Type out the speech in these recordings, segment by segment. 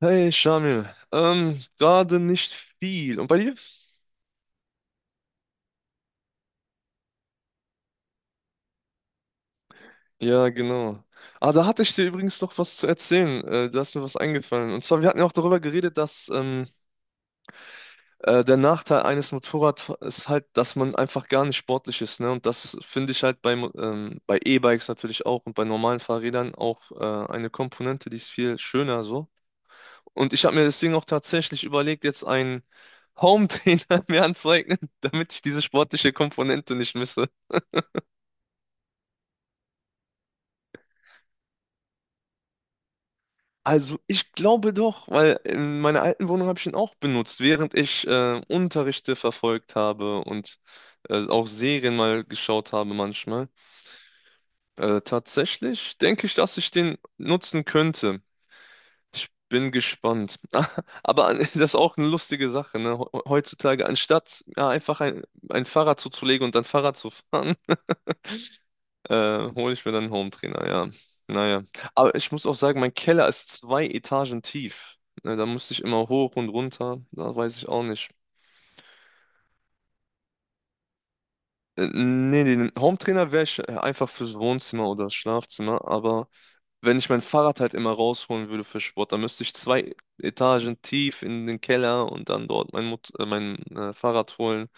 Hey, Shamil. Gerade nicht viel. Und bei dir? Ja, genau. Ah, da hatte ich dir übrigens noch was zu erzählen. Da ist mir was eingefallen. Und zwar, wir hatten ja auch darüber geredet, dass der Nachteil eines Motorrads ist halt, dass man einfach gar nicht sportlich ist, ne? Und das finde ich halt beim, bei E-Bikes natürlich auch und bei normalen Fahrrädern auch eine Komponente, die ist viel schöner so. Und ich habe mir deswegen auch tatsächlich überlegt, jetzt einen Home-Trainer mir anzueignen, damit ich diese sportliche Komponente nicht misse. Also ich glaube doch, weil in meiner alten Wohnung habe ich ihn auch benutzt, während ich Unterrichte verfolgt habe und auch Serien mal geschaut habe manchmal. Tatsächlich denke ich, dass ich den nutzen könnte. Ich bin gespannt. Aber das ist auch eine lustige Sache, ne? Heutzutage, anstatt ja, einfach ein Fahrrad zuzulegen und dann Fahrrad zu fahren, hole ich mir dann einen trainer, ja. Naja. Aber ich muss auch sagen, mein Keller ist zwei Etagen tief. Ne, da musste ich immer hoch und runter. Da weiß ich auch nicht. Nee, den trainer wäre ich einfach fürs Wohnzimmer oder das Schlafzimmer. Aber wenn ich mein Fahrrad halt immer rausholen würde für Sport, dann müsste ich zwei Etagen tief in den Keller und dann dort mein Fahrrad holen.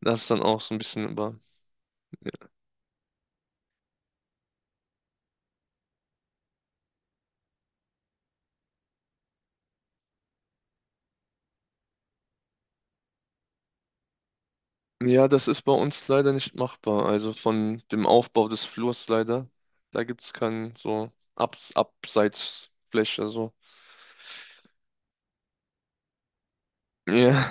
Das ist dann auch so ein bisschen über. Ja, das ist bei uns leider nicht machbar. Also von dem Aufbau des Flurs leider. Da gibt es keinen so Abseitsfläche. So. Ja,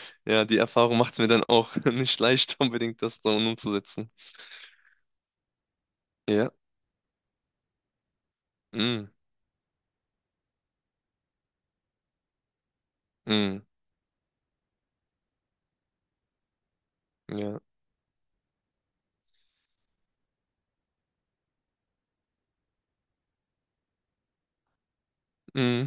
ja, die Erfahrung macht es mir dann auch nicht leicht, unbedingt das so umzusetzen. Ja, mm, mm, ja, mm.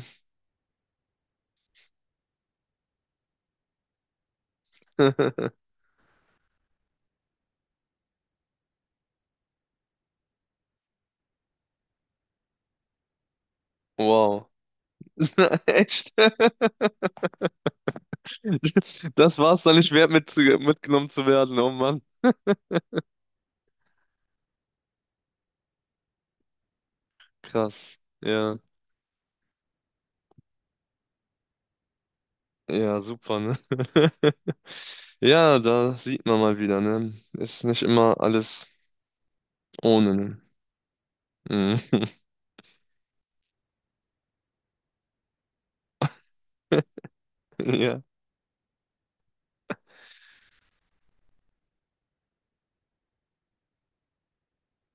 Wow. Echt? Das war's dann nicht wert, mitgenommen zu werden. Oh Mann. Krass. Ja, ja, super, ne? Ja, da sieht man mal wieder, ne? Ist nicht immer alles ohne, ne? Mhm. Ja.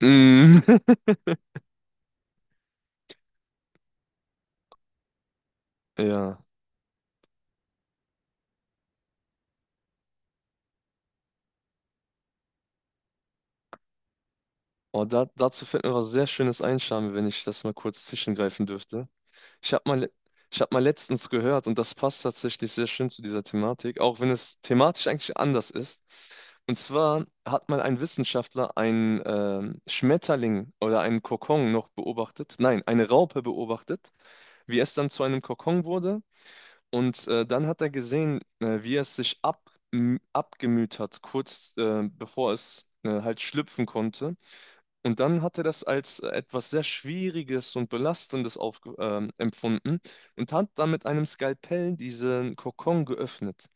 Mhm. Ja. Oh, dazu fällt mir was sehr Schönes ein, Charme, wenn ich das mal kurz zwischengreifen dürfte. Ich habe mal, le- Ich hab mal letztens gehört, und das passt tatsächlich sehr schön zu dieser Thematik, auch wenn es thematisch eigentlich anders ist. Und zwar hat mal ein Wissenschaftler einen Schmetterling oder einen Kokon noch beobachtet, nein, eine Raupe beobachtet, wie es dann zu einem Kokon wurde. Und dann hat er gesehen, wie es sich abgemüht hat, kurz bevor es halt schlüpfen konnte. Und dann hat er das als etwas sehr Schwieriges und Belastendes aufge empfunden und hat dann mit einem Skalpell diesen Kokon geöffnet,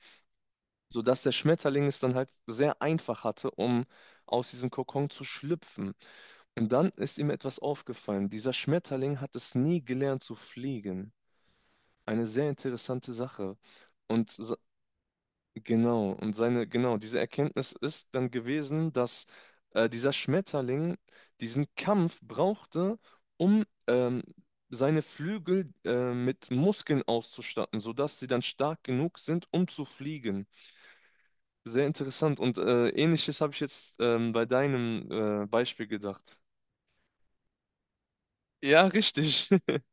sodass der Schmetterling es dann halt sehr einfach hatte, um aus diesem Kokon zu schlüpfen. Und dann ist ihm etwas aufgefallen. Dieser Schmetterling hat es nie gelernt zu fliegen. Eine sehr interessante Sache. Und s- Genau, und genau, diese Erkenntnis ist dann gewesen, dass dieser Schmetterling diesen Kampf brauchte, um seine Flügel mit Muskeln auszustatten, sodass sie dann stark genug sind, um zu fliegen. Sehr interessant. Und Ähnliches habe ich jetzt bei deinem Beispiel gedacht. Ja, richtig.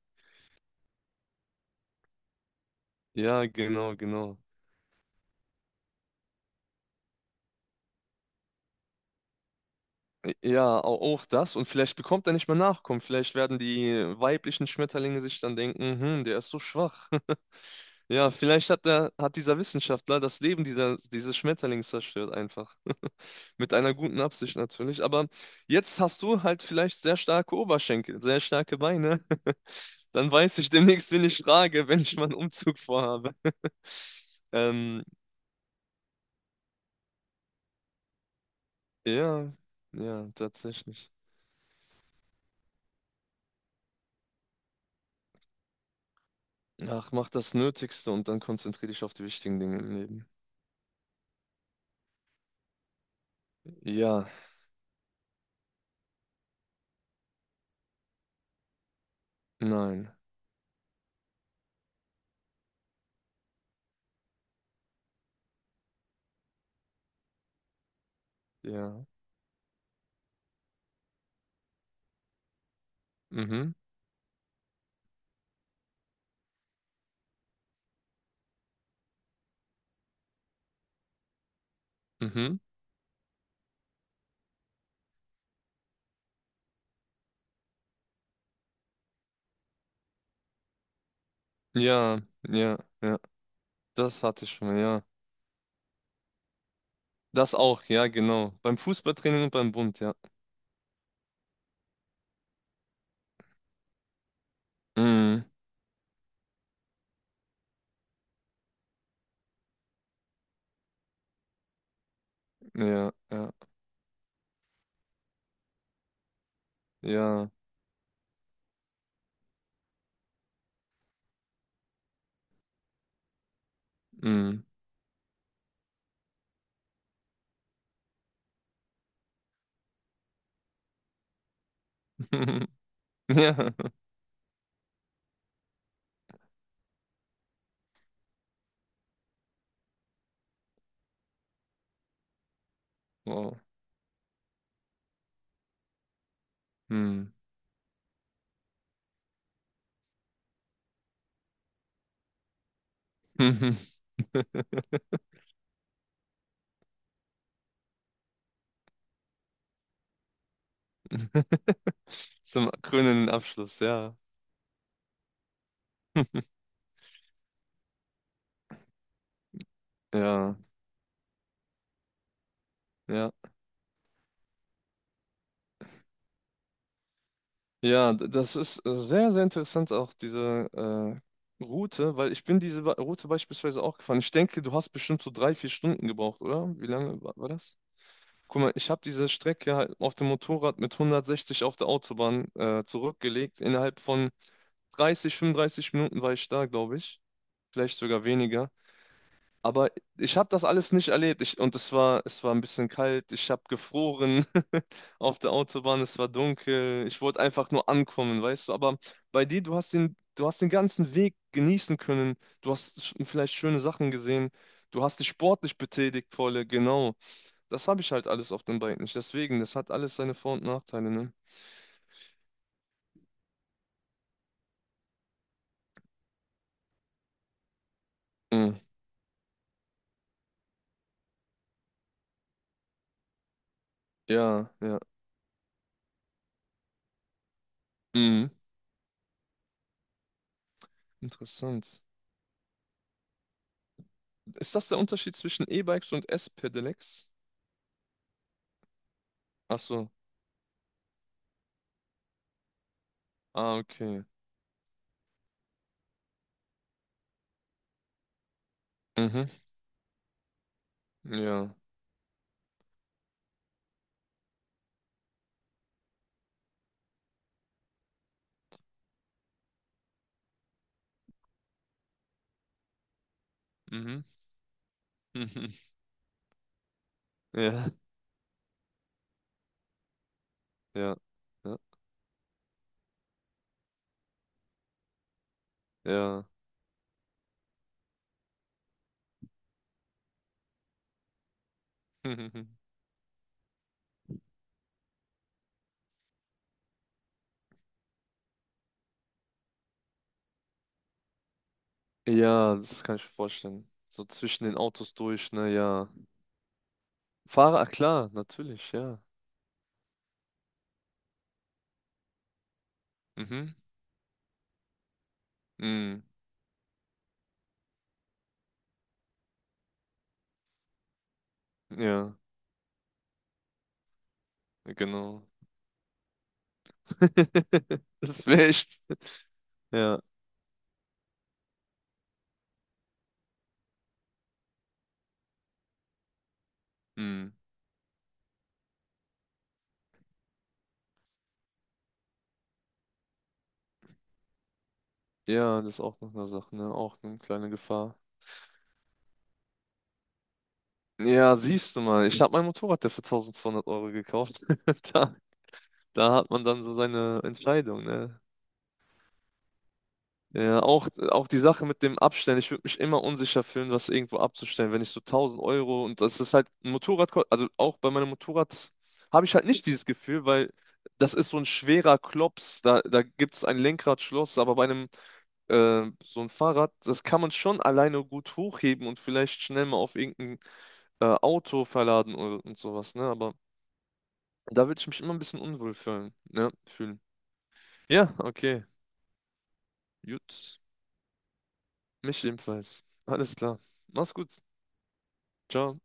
Ja, genau, genau. Ja, auch das. Und vielleicht bekommt er nicht mehr Nachkommen. Vielleicht werden die weiblichen Schmetterlinge sich dann denken, hm, der ist so schwach. Ja, vielleicht hat dieser Wissenschaftler das Leben dieses Schmetterlings zerstört einfach. Mit einer guten Absicht natürlich. Aber jetzt hast du halt vielleicht sehr starke Oberschenkel, sehr starke Beine. Dann weiß ich demnächst, wen ich frage, wenn ich mal einen Umzug vorhabe. Ähm, ja, ja, tatsächlich. Ach, mach das Nötigste und dann konzentriere dich auf die wichtigen Dinge im Leben. Ja. Nein. Ja. Mhm. Mhm. Ja. Ja. Ja. Das hatte ich schon mal, ja. Das auch, ja, genau. Beim Fußballtraining und beim Bund, ja. Mhm. Ja. Ja. Ja. Mhm. Ja. Wow. Mhm. Zum krönenden Abschluss, ja. Ja. Ja. Ja, das ist sehr, sehr interessant, auch diese Route, weil ich bin diese Route beispielsweise auch gefahren. Ich denke, du hast bestimmt so 3, 4 Stunden gebraucht, oder? Wie lange war das? Guck mal, ich habe diese Strecke halt auf dem Motorrad mit 160 auf der Autobahn zurückgelegt. Innerhalb von 30, 35 Minuten war ich da, glaube ich. Vielleicht sogar weniger. Aber ich habe das alles nicht erlebt. Und es war, ein bisschen kalt. Ich habe gefroren auf der Autobahn. Es war dunkel. Ich wollte einfach nur ankommen, weißt du. Aber bei dir, du hast den ganzen Weg genießen können. Du hast vielleicht schöne Sachen gesehen. Du hast dich sportlich betätigt, volle, genau. Das habe ich halt alles auf dem Bike nicht. Deswegen, das hat alles seine Vor- und Nachteile, ne? Mhm. Ja, ja. Mhm. Interessant. Ist das der Unterschied zwischen E-Bikes und S-Pedelecs? Ach so. Ah, okay. Mhm. Ja. Mhm. Mhm. Ja. Ja. Ja. Ja. Ja, das kann ich mir vorstellen. So zwischen den Autos durch, na ja. Fahrer, ah, klar, natürlich, ja. Mhm. Mhm. Ja, genau. Das wäre echt. Ja. Mm. Ja, das ist auch noch eine Sache, ne? Auch eine kleine Gefahr. Ja, siehst du mal, ich habe mein Motorrad ja für Euro gekauft. Da, da hat man dann so seine Entscheidung, ne? Ja, auch die Sache mit dem Abstellen. Ich würde mich immer unsicher fühlen, was irgendwo abzustellen, wenn ich so 1000 Euro und das ist halt ein Motorrad, also auch bei meinem Motorrad habe ich halt nicht dieses Gefühl, weil das ist so ein schwerer Klops. Da gibt es ein Lenkradschloss, aber bei einem so ein Fahrrad, das kann man schon alleine gut hochheben und vielleicht schnell mal auf irgendeinen Auto verladen und sowas, ne? Aber da würde ich mich immer ein bisschen unwohl fühlen, ne? Fühlen. Ja, okay. Gut. Mich ebenfalls. Alles klar. Mach's gut. Ciao.